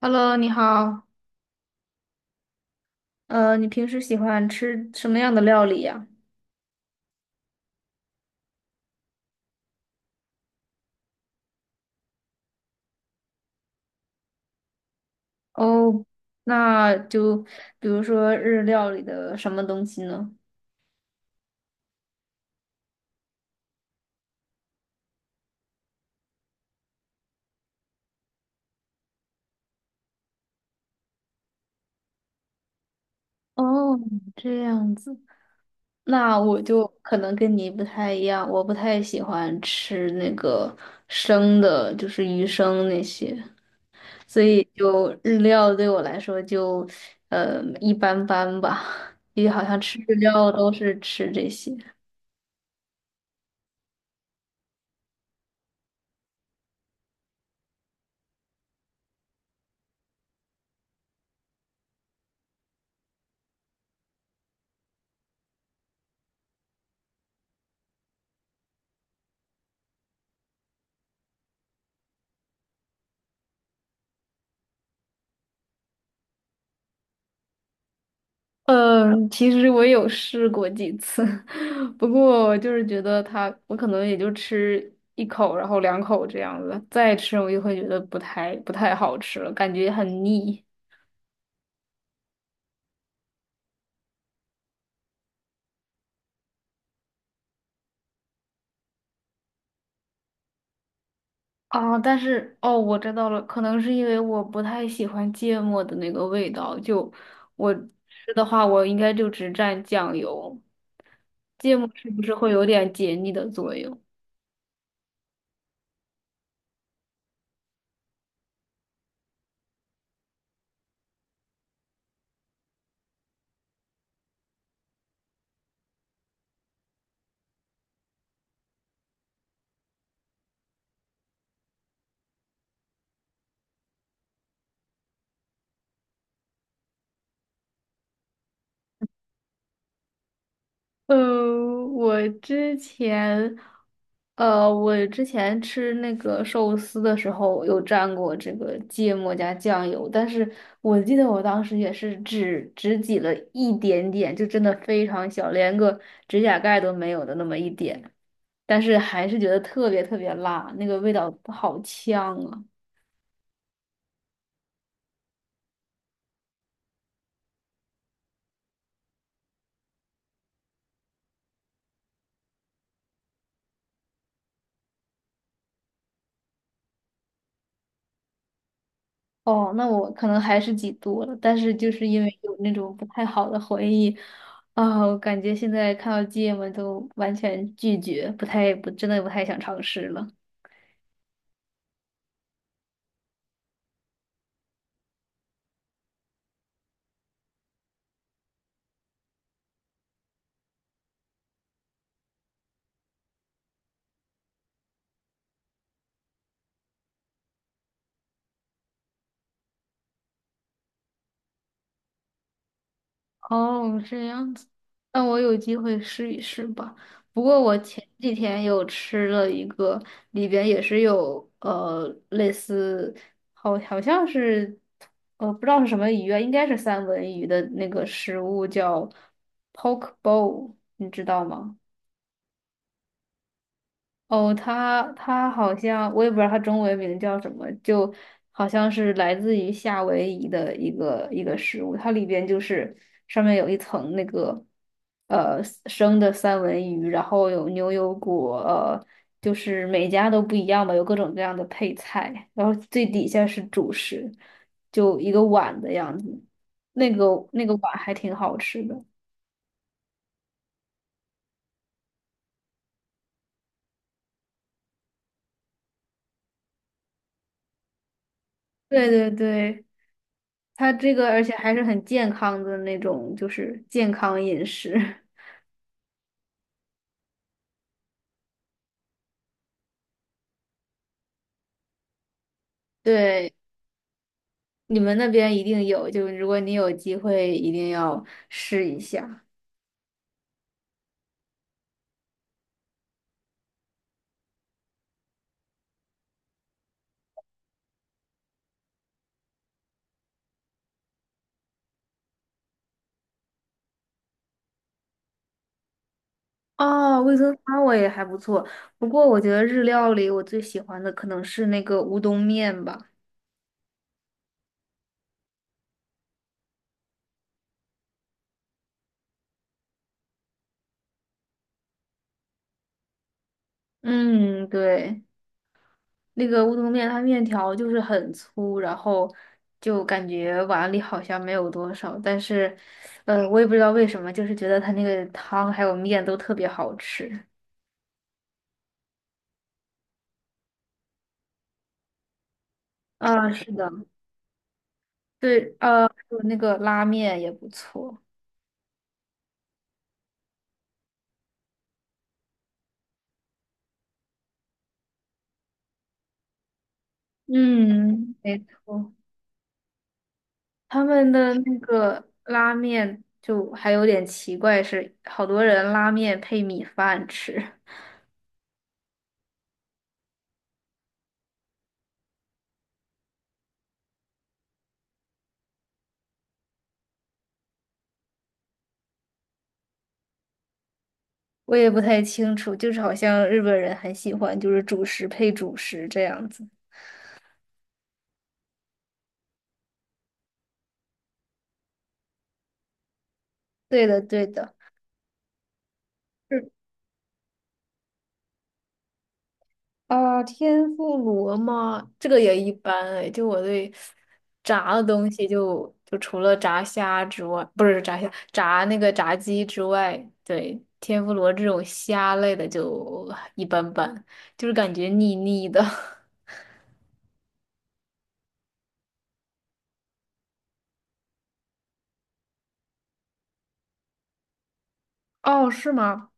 Hello，你好。你平时喜欢吃什么样的料理呀？哦，那就比如说日料里的什么东西呢？哦，这样子。那我就可能跟你不太一样，我不太喜欢吃那个生的，就是鱼生那些，所以就日料对我来说就一般般吧，因为好像吃日料都是吃这些。嗯，其实我有试过几次，不过我就是觉得它，我可能也就吃一口，然后两口这样子，再吃我就会觉得不太好吃了，感觉很腻啊。但是哦，我知道了，可能是因为我不太喜欢芥末的那个味道，就我吃的话，我应该就只蘸酱油，芥末是不是会有点解腻的作用？嗯，我之前，我之前吃那个寿司的时候有蘸过这个芥末加酱油，但是我记得我当时也是只挤了一点点，就真的非常小，连个指甲盖都没有的那么一点，但是还是觉得特别特别辣，那个味道好呛啊。哦，那我可能还是几度了，但是就是因为有那种不太好的回忆，啊、我感觉现在看到芥末都完全拒绝，不太不真的不太想尝试了。哦，这样子，那我有机会试一试吧。不过我前几天有吃了一个，里边也是有类似，好好像是，不知道是什么鱼啊，应该是三文鱼的那个食物叫 poke bowl,你知道吗？哦，他好像我也不知道他中文名叫什么，就好像是来自于夏威夷的一个食物，它里边就是上面有一层那个呃生的三文鱼，然后有牛油果，就是每家都不一样吧，有各种各样的配菜，然后最底下是主食，就一个碗的样子，那个碗还挺好吃的。对对对，它这个而且还是很健康的那种，就是健康饮食。对，你们那边一定有，就如果你有机会，一定要试一下。哦，味噌汤我也还不错，不过我觉得日料里我最喜欢的可能是那个乌冬面吧。嗯，对，那个乌冬面它面条就是很粗，然后就感觉碗里好像没有多少，但是，我也不知道为什么，就是觉得它那个汤还有面都特别好吃。啊，是的，对，还有那个拉面也不错，嗯，没错，他们的那个拉面就还有点奇怪，是好多人拉面配米饭吃，我也不太清楚，就是好像日本人很喜欢就是主食配主食这样子。对的，对的。啊，天妇罗吗？这个也一般哎。就我对炸的东西就，就除了炸虾之外，不是炸虾，炸那个炸鸡之外，对，天妇罗这种虾类的就一般般，就是感觉腻腻的。哦，是吗？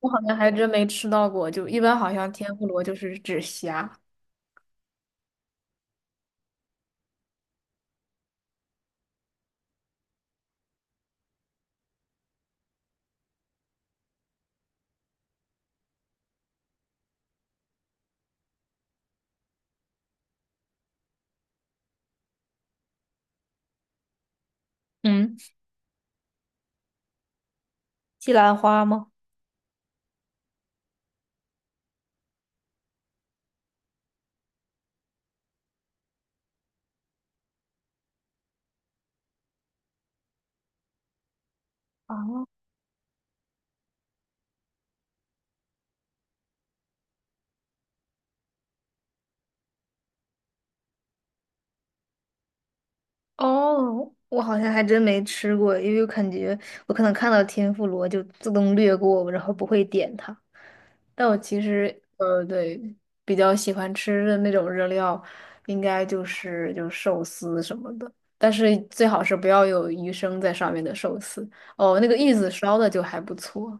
我好像还真没吃到过，就一般好像天妇罗就是指虾。嗯，西兰花吗？啊。哦，我好像还真没吃过，因为我感觉我可能看到天妇罗就自动略过，然后不会点它。但我其实对，比较喜欢吃的那种热料，应该就是就是寿司什么的，但是最好是不要有鱼生在上面的寿司。哦，那个玉子烧的就还不错。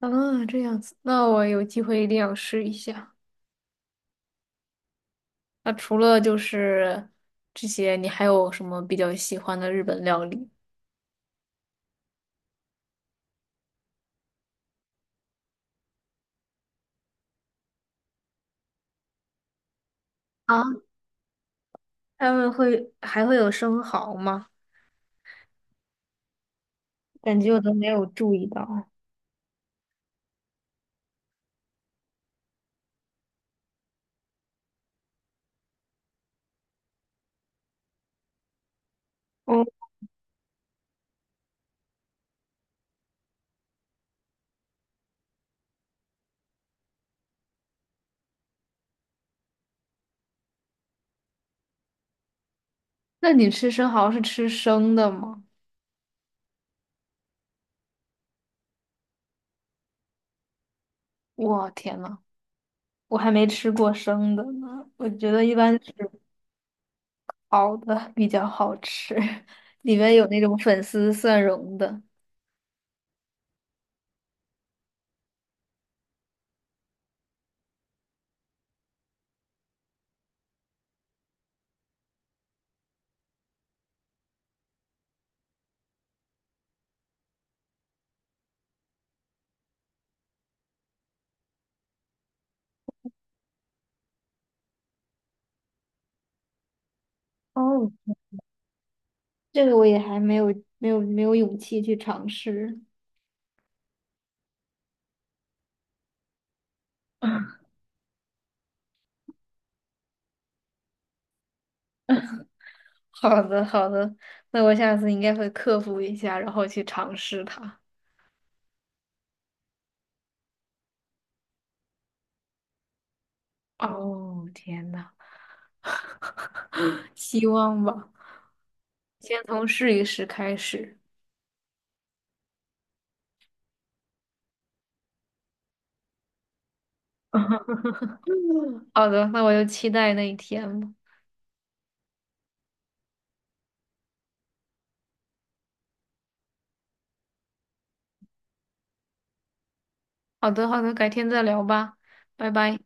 啊，这样子，那我有机会一定要试一下。那除了就是这些，你还有什么比较喜欢的日本料理？啊？他们会还会有生蚝吗？感觉我都没有注意到。哦，那你吃生蚝是吃生的吗？我天呐，我还没吃过生的呢。我觉得一般是熬的比较好吃，里面有那种粉丝蒜蓉的。哦，这个我也还没有勇气去尝试。好的，好的，那我下次应该会克服一下，然后去尝试它。哦，天呐！希望吧，先从试一试开始。好的，那我就期待那一天吧。好的，好的，改天再聊吧，拜拜。